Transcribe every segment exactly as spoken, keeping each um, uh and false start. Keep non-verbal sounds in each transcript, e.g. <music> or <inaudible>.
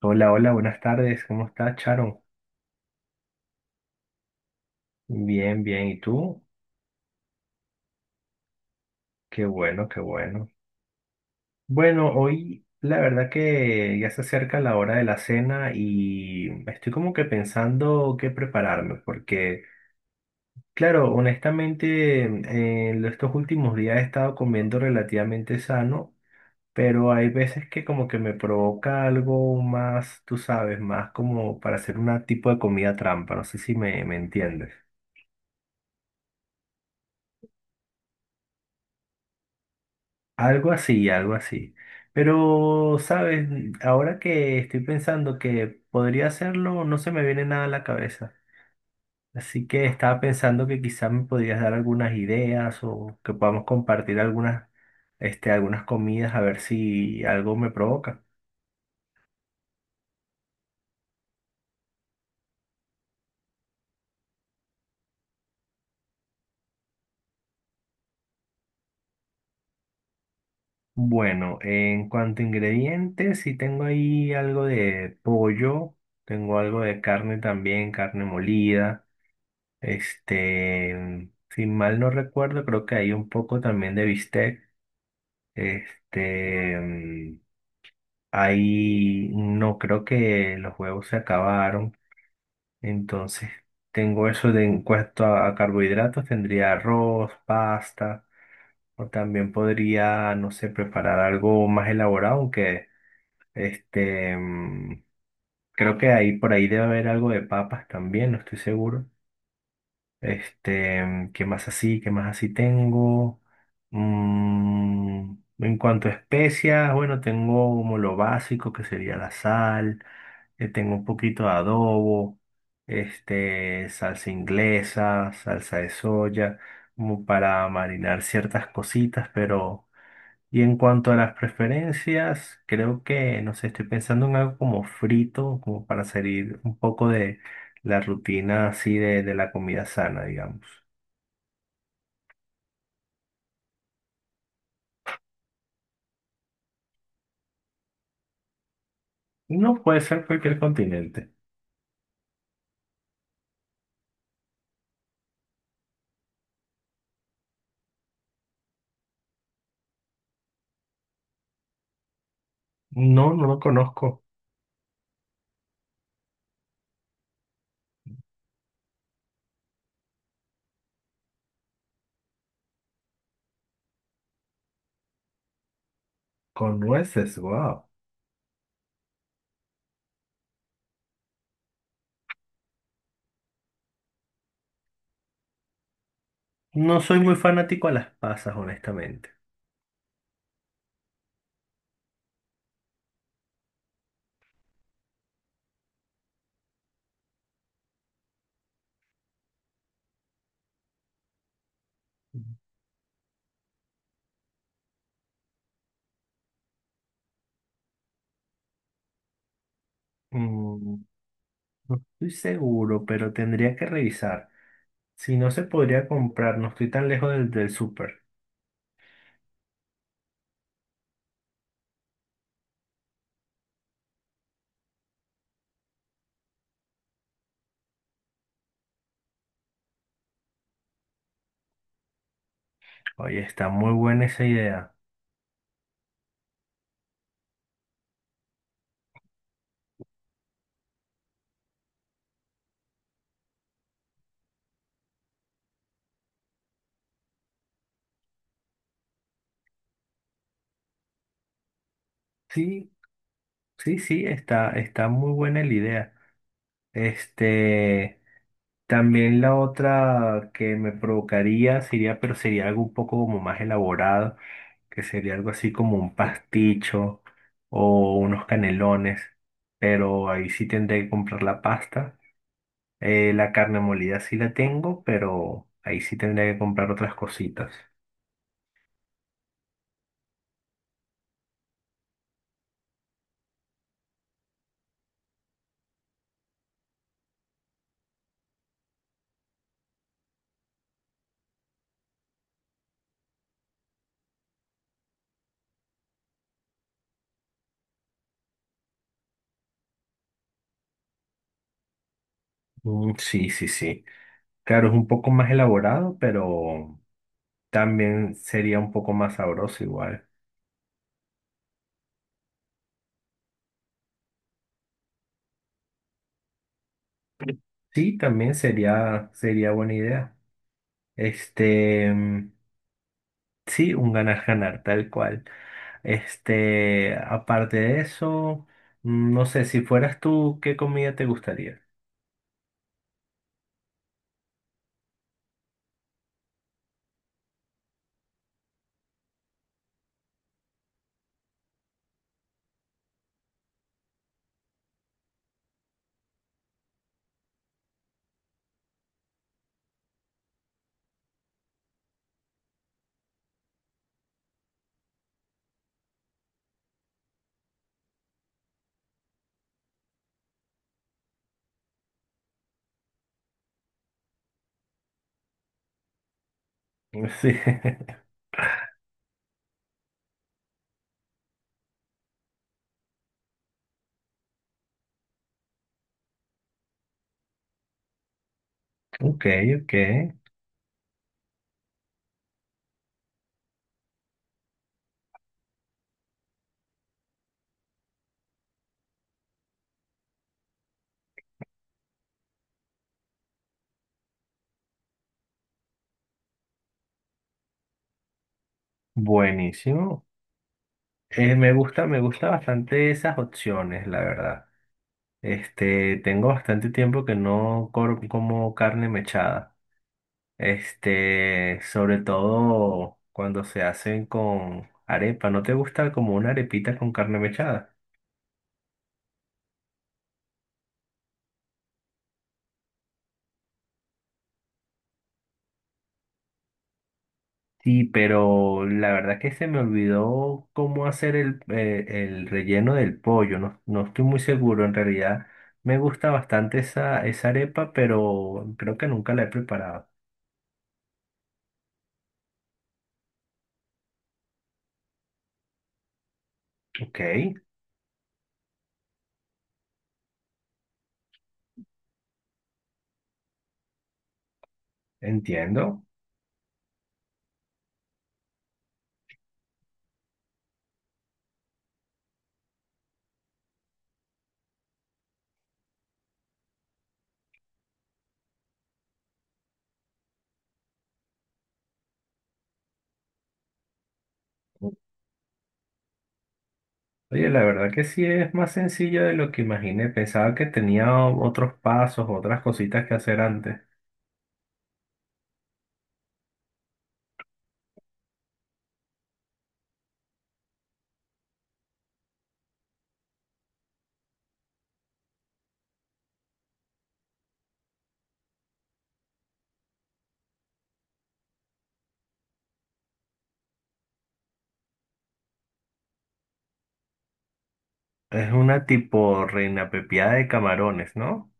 Hola, hola, buenas tardes. ¿Cómo estás, Charon? Bien, bien. ¿Y tú? Qué bueno, qué bueno. Bueno, hoy la verdad que ya se acerca la hora de la cena y estoy como que pensando qué prepararme, porque, claro, honestamente, en estos últimos días he estado comiendo relativamente sano, pero hay veces que como que me provoca algo más, tú sabes, más como para hacer un tipo de comida trampa. No sé si me, me entiendes. Algo así, algo así. Pero, ¿sabes? Ahora que estoy pensando que podría hacerlo, no se me viene nada a la cabeza. Así que estaba pensando que quizás me podrías dar algunas ideas o que podamos compartir algunas, este, algunas comidas a ver si algo me provoca. Bueno, en cuanto a ingredientes, sí tengo ahí algo de pollo, tengo algo de carne también, carne molida. Este, si mal no recuerdo, creo que hay un poco también de bistec. Este, mm, Hay, no creo que los huevos se acabaron. Entonces, tengo eso de en cuanto a, a carbohidratos, tendría arroz, pasta, o también podría, no sé, preparar algo más elaborado, aunque este, mm, creo que ahí por ahí debe haber algo de papas también, no estoy seguro. Este, mm, ¿qué más así? ¿Qué más así tengo? Mm, en cuanto a especias, bueno, tengo como lo básico que sería la sal, eh, tengo un poquito de adobo, este, salsa inglesa, salsa de soya, como para marinar ciertas cositas, pero y en cuanto a las preferencias, creo que, no sé, estoy pensando en algo como frito, como para salir un poco de la rutina así de, de la comida sana, digamos. No puede ser cualquier continente. No, no lo conozco. Con nueces, wow. No soy muy fanático a las pasas, honestamente. Mm, no estoy seguro, pero tendría que revisar. Si no se podría comprar, no estoy tan lejos del, del súper. Oye, está muy buena esa idea. Sí. Sí, sí, está, está muy buena la idea. Este, También la otra que me provocaría sería, pero sería algo un poco como más elaborado, que sería algo así como un pasticho o unos canelones, pero ahí sí tendré que comprar la pasta. Eh, la carne molida sí la tengo, pero ahí sí tendré que comprar otras cositas. Mm, sí, sí, sí. Claro, es un poco más elaborado, pero también sería un poco más sabroso igual. Sí, también sería, sería buena idea. Este, mm, sí, un ganar-ganar, tal cual. Este, aparte de eso, mm, no sé, si fueras tú, ¿qué comida te gustaría? <laughs> Sí. Ok, ok. Buenísimo. Eh, me gusta, me gusta bastante esas opciones, la verdad. Este, tengo bastante tiempo que no cor- como carne mechada. Este, sobre todo cuando se hacen con arepa. ¿No te gusta como una arepita con carne mechada? Sí, pero la verdad que se me olvidó cómo hacer el, eh, el relleno del pollo. No, no estoy muy seguro. En realidad me gusta bastante esa, esa arepa, pero creo que nunca la he preparado. Ok, entiendo. Oye, la verdad que sí es más sencillo de lo que imaginé. Pensaba que tenía otros pasos, otras cositas que hacer antes. Es una tipo reina pepiada de camarones, ¿no?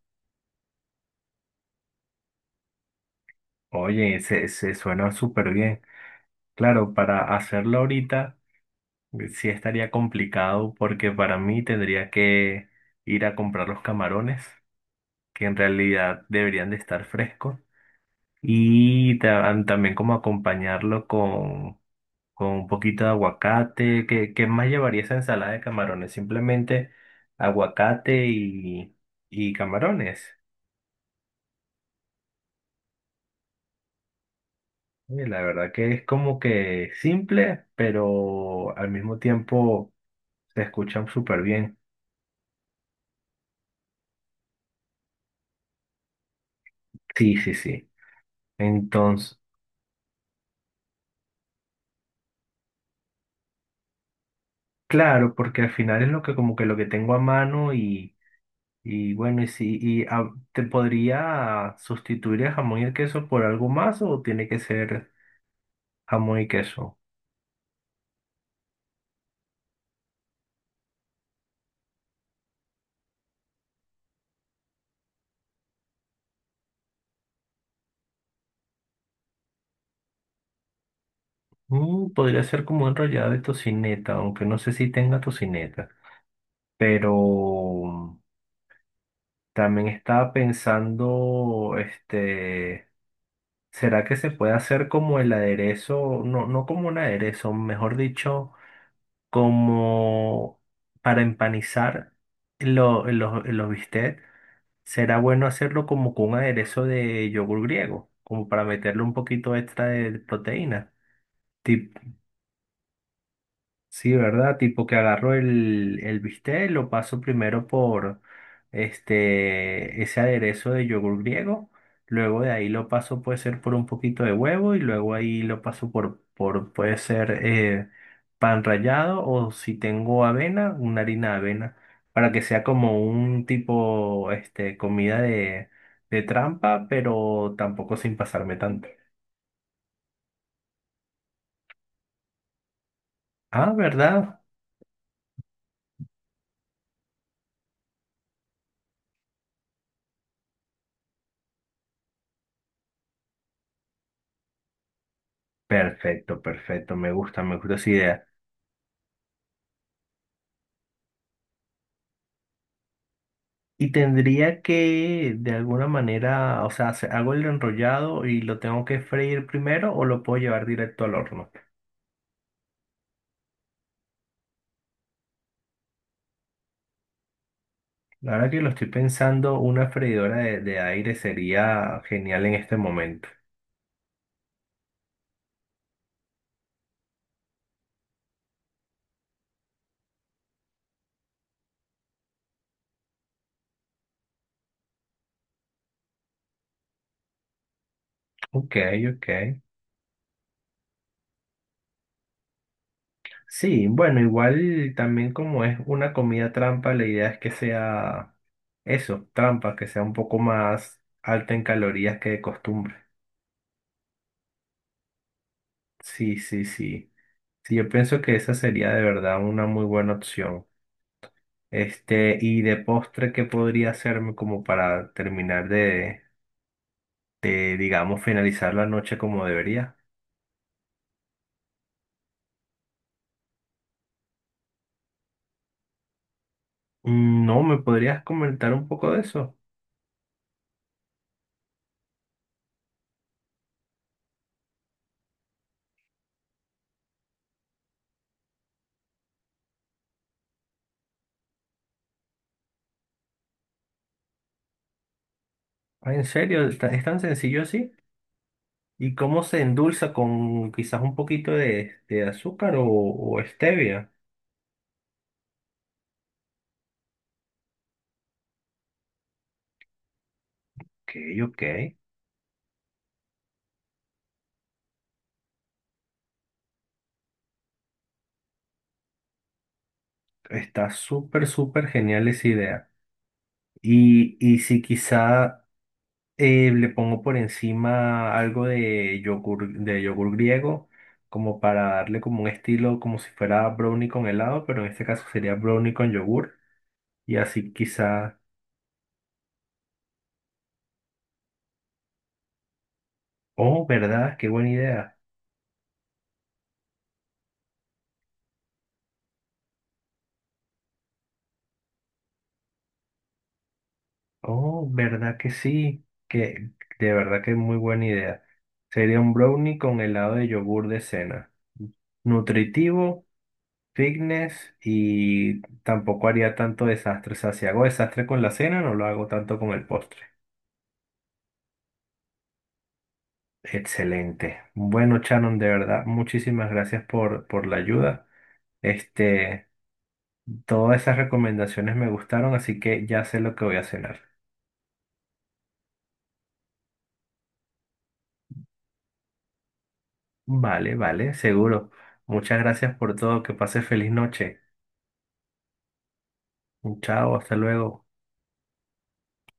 Oye, se, se suena súper bien. Claro, para hacerlo ahorita eh, sí estaría complicado porque para mí tendría que ir a comprar los camarones, que en realidad deberían de estar frescos, y ta- también como acompañarlo con, con un poquito de aguacate. ¿Qué, qué más llevaría esa ensalada de camarones? Simplemente aguacate y, y camarones. Y la verdad que es como que simple, pero al mismo tiempo se escuchan súper bien. Sí, sí, sí. Entonces, claro, porque al final es lo que como que lo que tengo a mano y, y bueno, y si y ah, ¿te podría sustituir el jamón y el queso por algo más o tiene que ser jamón y queso? Mm, podría ser como enrollado de tocineta, aunque no sé si tenga tocineta, pero también estaba pensando, este... ¿Será que se puede hacer como el aderezo? No, no como un aderezo, mejor dicho, como para empanizar lo- los, los bistecs. ¿Será bueno hacerlo como con un aderezo de yogur griego? Como para meterle un poquito extra de proteína. Sí, ¿verdad? Tipo que agarro el, el bistec, lo paso primero por este, ese aderezo de yogur griego, luego de ahí lo paso puede ser por un poquito de huevo y luego ahí lo paso por, por puede ser eh, pan rallado o si tengo avena, una harina de avena, para que sea como un tipo este, comida de, de trampa, pero tampoco sin pasarme tanto. Ah, ¿verdad? Perfecto, perfecto, me gusta, me gusta esa idea. Y tendría que, de alguna manera, o sea, se- hago el enrollado y lo tengo que freír primero o lo puedo llevar directo al horno. La verdad que lo estoy pensando, una freidora de, de aire sería genial en este momento. Ok, ok. Sí, bueno, igual también como es una comida trampa, la idea es que sea eso, trampa, que sea un poco más alta en calorías que de costumbre. Sí, sí, sí. Sí, yo pienso que esa sería de verdad una muy buena opción. Este, y de postre, ¿qué podría hacerme como para terminar de, de, digamos, finalizar la noche como debería? Mm, no, ¿me podrías comentar un poco de eso? Ah, ¿en serio? ¿Es tan es tan sencillo así? ¿Y cómo se endulza con quizás un poquito de, de azúcar o, o stevia? Ok, ok. Está súper, súper genial esa idea. Y, y si quizá Eh, le pongo por encima algo de yogur, de yogur griego, como para darle como un estilo, como si fuera brownie con helado, pero en este caso sería brownie con yogur. Y así quizá, oh, ¿verdad? Qué buena idea. Oh, ¿verdad que sí? Que de verdad que es muy buena idea. Sería un brownie con helado de yogur de cena. Nutritivo, fitness y tampoco haría tanto desastre. O sea, si hago desastre con la cena, no lo hago tanto con el postre. Excelente. Bueno, Shannon, de verdad, muchísimas gracias por, por la ayuda. Este, Todas esas recomendaciones me gustaron, así que ya sé lo que voy a cenar. Vale, vale, seguro. Muchas gracias por todo. Que pase feliz noche. Chao, hasta luego.